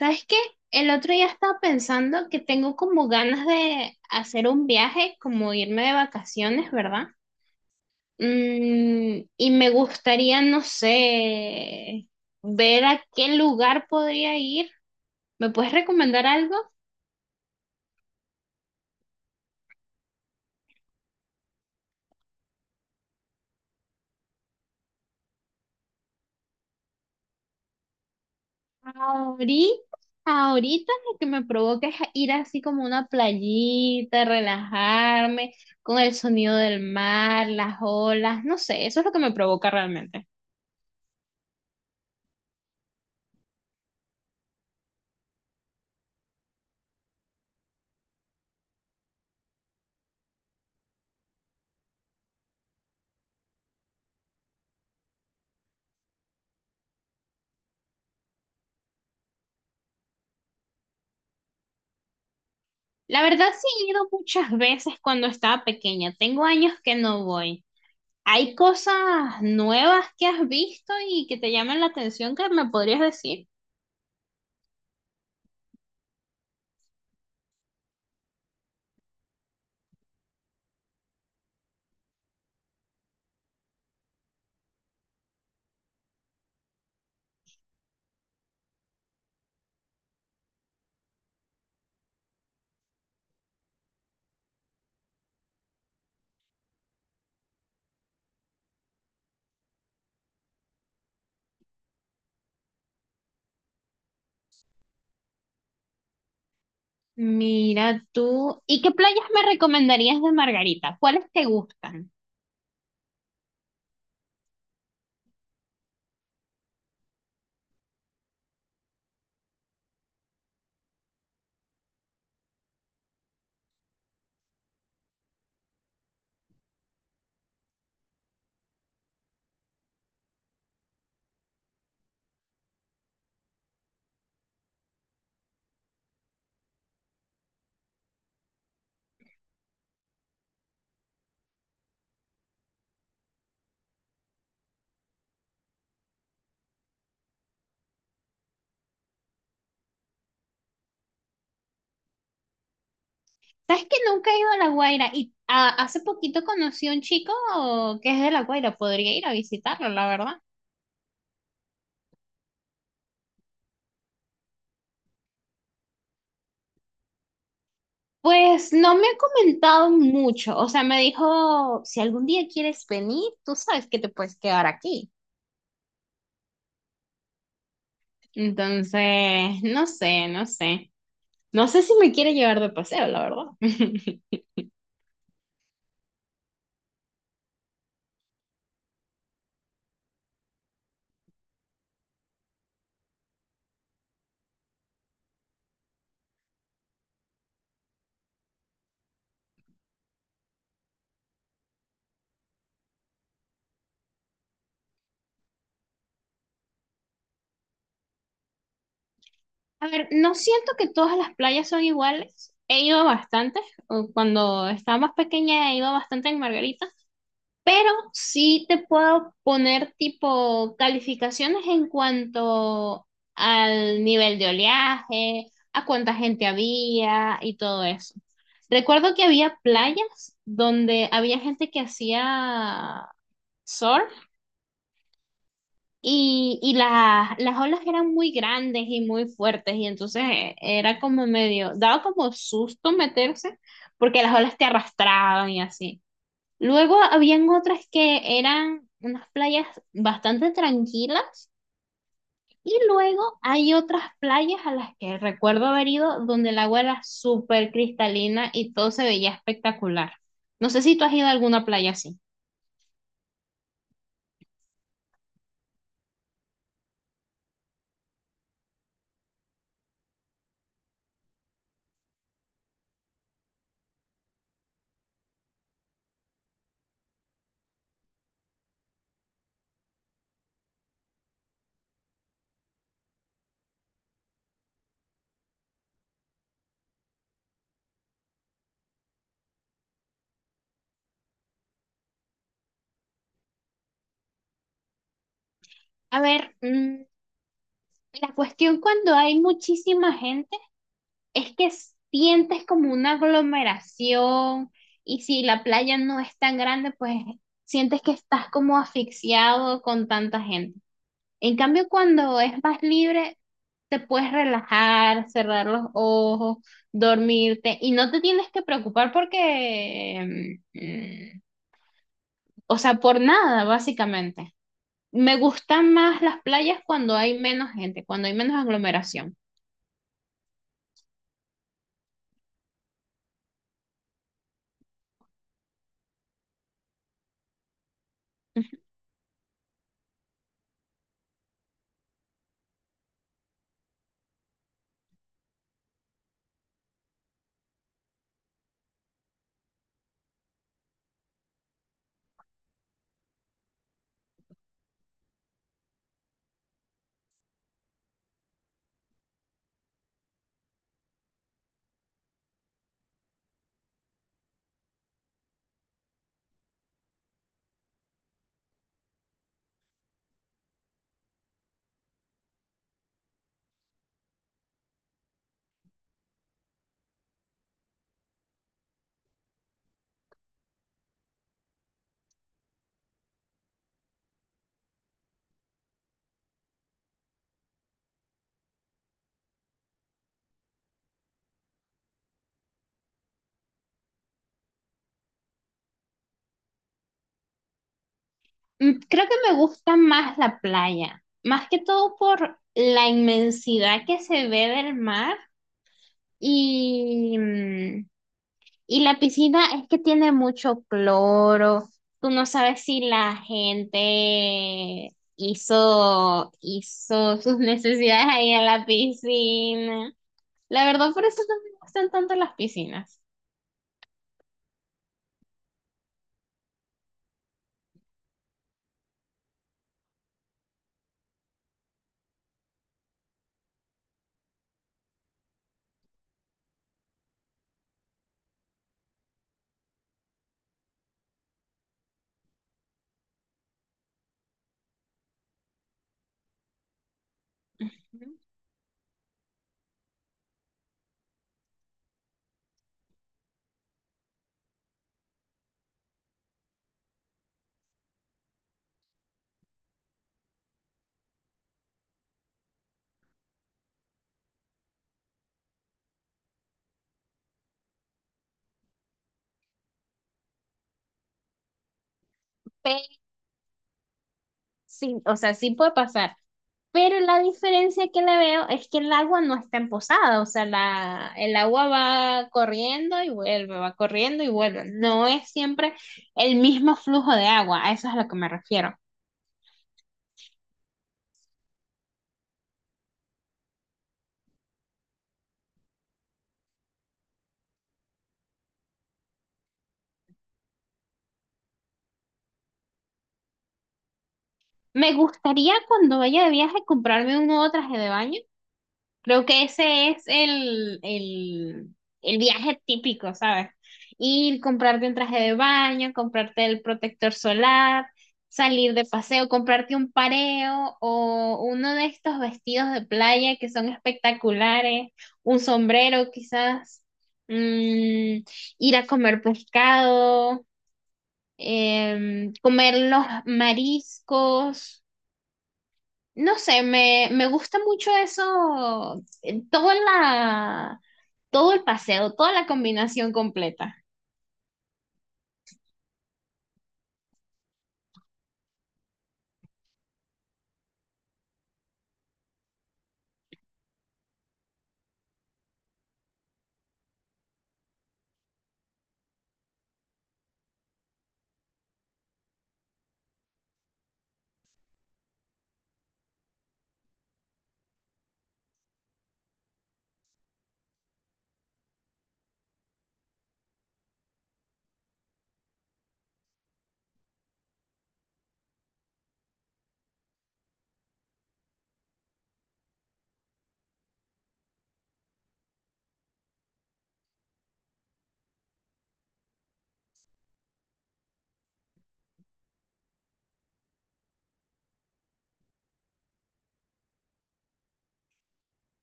¿Sabes qué? El otro día estaba pensando que tengo como ganas de hacer un viaje, como irme de vacaciones, ¿verdad? Y me gustaría, no sé, ver a qué lugar podría ir. ¿Me puedes recomendar algo? Ahorita, ahorita, lo que me provoca es ir así como a una playita, relajarme con el sonido del mar, las olas, no sé, eso es lo que me provoca realmente. La verdad sí he ido muchas veces cuando estaba pequeña. Tengo años que no voy. ¿Hay cosas nuevas que has visto y que te llaman la atención que me podrías decir? Mira tú. ¿Y qué playas me recomendarías de Margarita? ¿Cuáles te gustan? ¿Sabes que nunca he ido a La Guaira? Y ah, hace poquito conocí a un chico que es de La Guaira. Podría ir a visitarlo, la verdad. Pues no me ha comentado mucho. O sea, me dijo, si algún día quieres venir, tú sabes que te puedes quedar aquí. Entonces, no sé. No sé si me quiere llevar de paseo, la verdad. A ver, no siento que todas las playas son iguales. He ido bastante, o cuando estaba más pequeña he ido a bastante en Margarita, pero sí te puedo poner tipo calificaciones en cuanto al nivel de oleaje, a cuánta gente había y todo eso. Recuerdo que había playas donde había gente que hacía surf. Y las olas eran muy grandes y muy fuertes, y entonces era como medio, daba como susto meterse, porque las olas te arrastraban y así. Luego habían otras que eran unas playas bastante tranquilas, y luego hay otras playas a las que recuerdo haber ido donde el agua era súper cristalina y todo se veía espectacular. No sé si tú has ido a alguna playa así. A ver, la cuestión cuando hay muchísima gente es que sientes como una aglomeración y si la playa no es tan grande, pues sientes que estás como asfixiado con tanta gente. En cambio, cuando es más libre, te puedes relajar, cerrar los ojos, dormirte y no te tienes que preocupar porque, o sea, por nada, básicamente. Me gustan más las playas cuando hay menos gente, cuando hay menos aglomeración. Creo que me gusta más la playa, más que todo por la inmensidad que se ve del mar y, y la piscina es que tiene mucho cloro. Tú no sabes si la gente hizo sus necesidades ahí en la piscina. La verdad, por eso no me gustan tanto las piscinas. Sí, o sea, sí puede pasar. Pero la diferencia que le veo es que el agua no está en, o sea, la, el agua va corriendo y vuelve, va corriendo y vuelve. No es siempre el mismo flujo de agua, a eso es a lo que me refiero. Me gustaría cuando vaya de viaje comprarme un nuevo traje de baño. Creo que ese es el viaje típico, ¿sabes? Ir, comprarte un traje de baño, comprarte el protector solar, salir de paseo, comprarte un pareo o uno de estos vestidos de playa que son espectaculares, un sombrero quizás, mm, ir a comer pescado, comer los mariscos. No sé, me gusta mucho eso, toda todo el paseo, toda la combinación completa.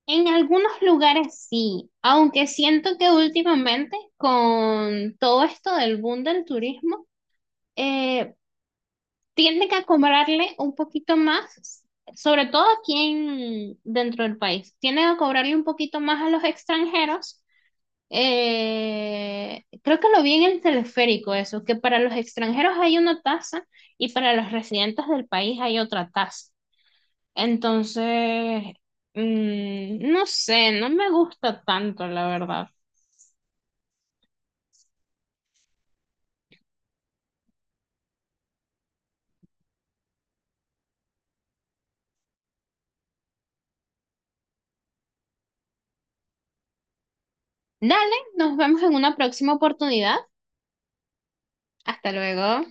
En algunos lugares sí, aunque siento que últimamente con todo esto del boom del turismo, eh, tienden a cobrarle un poquito más, sobre todo aquí en, dentro del país, tienden a cobrarle un poquito más a los extranjeros. Creo que lo vi en el teleférico eso, que para los extranjeros hay una tasa y para los residentes del país hay otra tasa. Entonces, no sé, no me gusta tanto, la verdad. Dale, nos vemos en una próxima oportunidad. Hasta luego.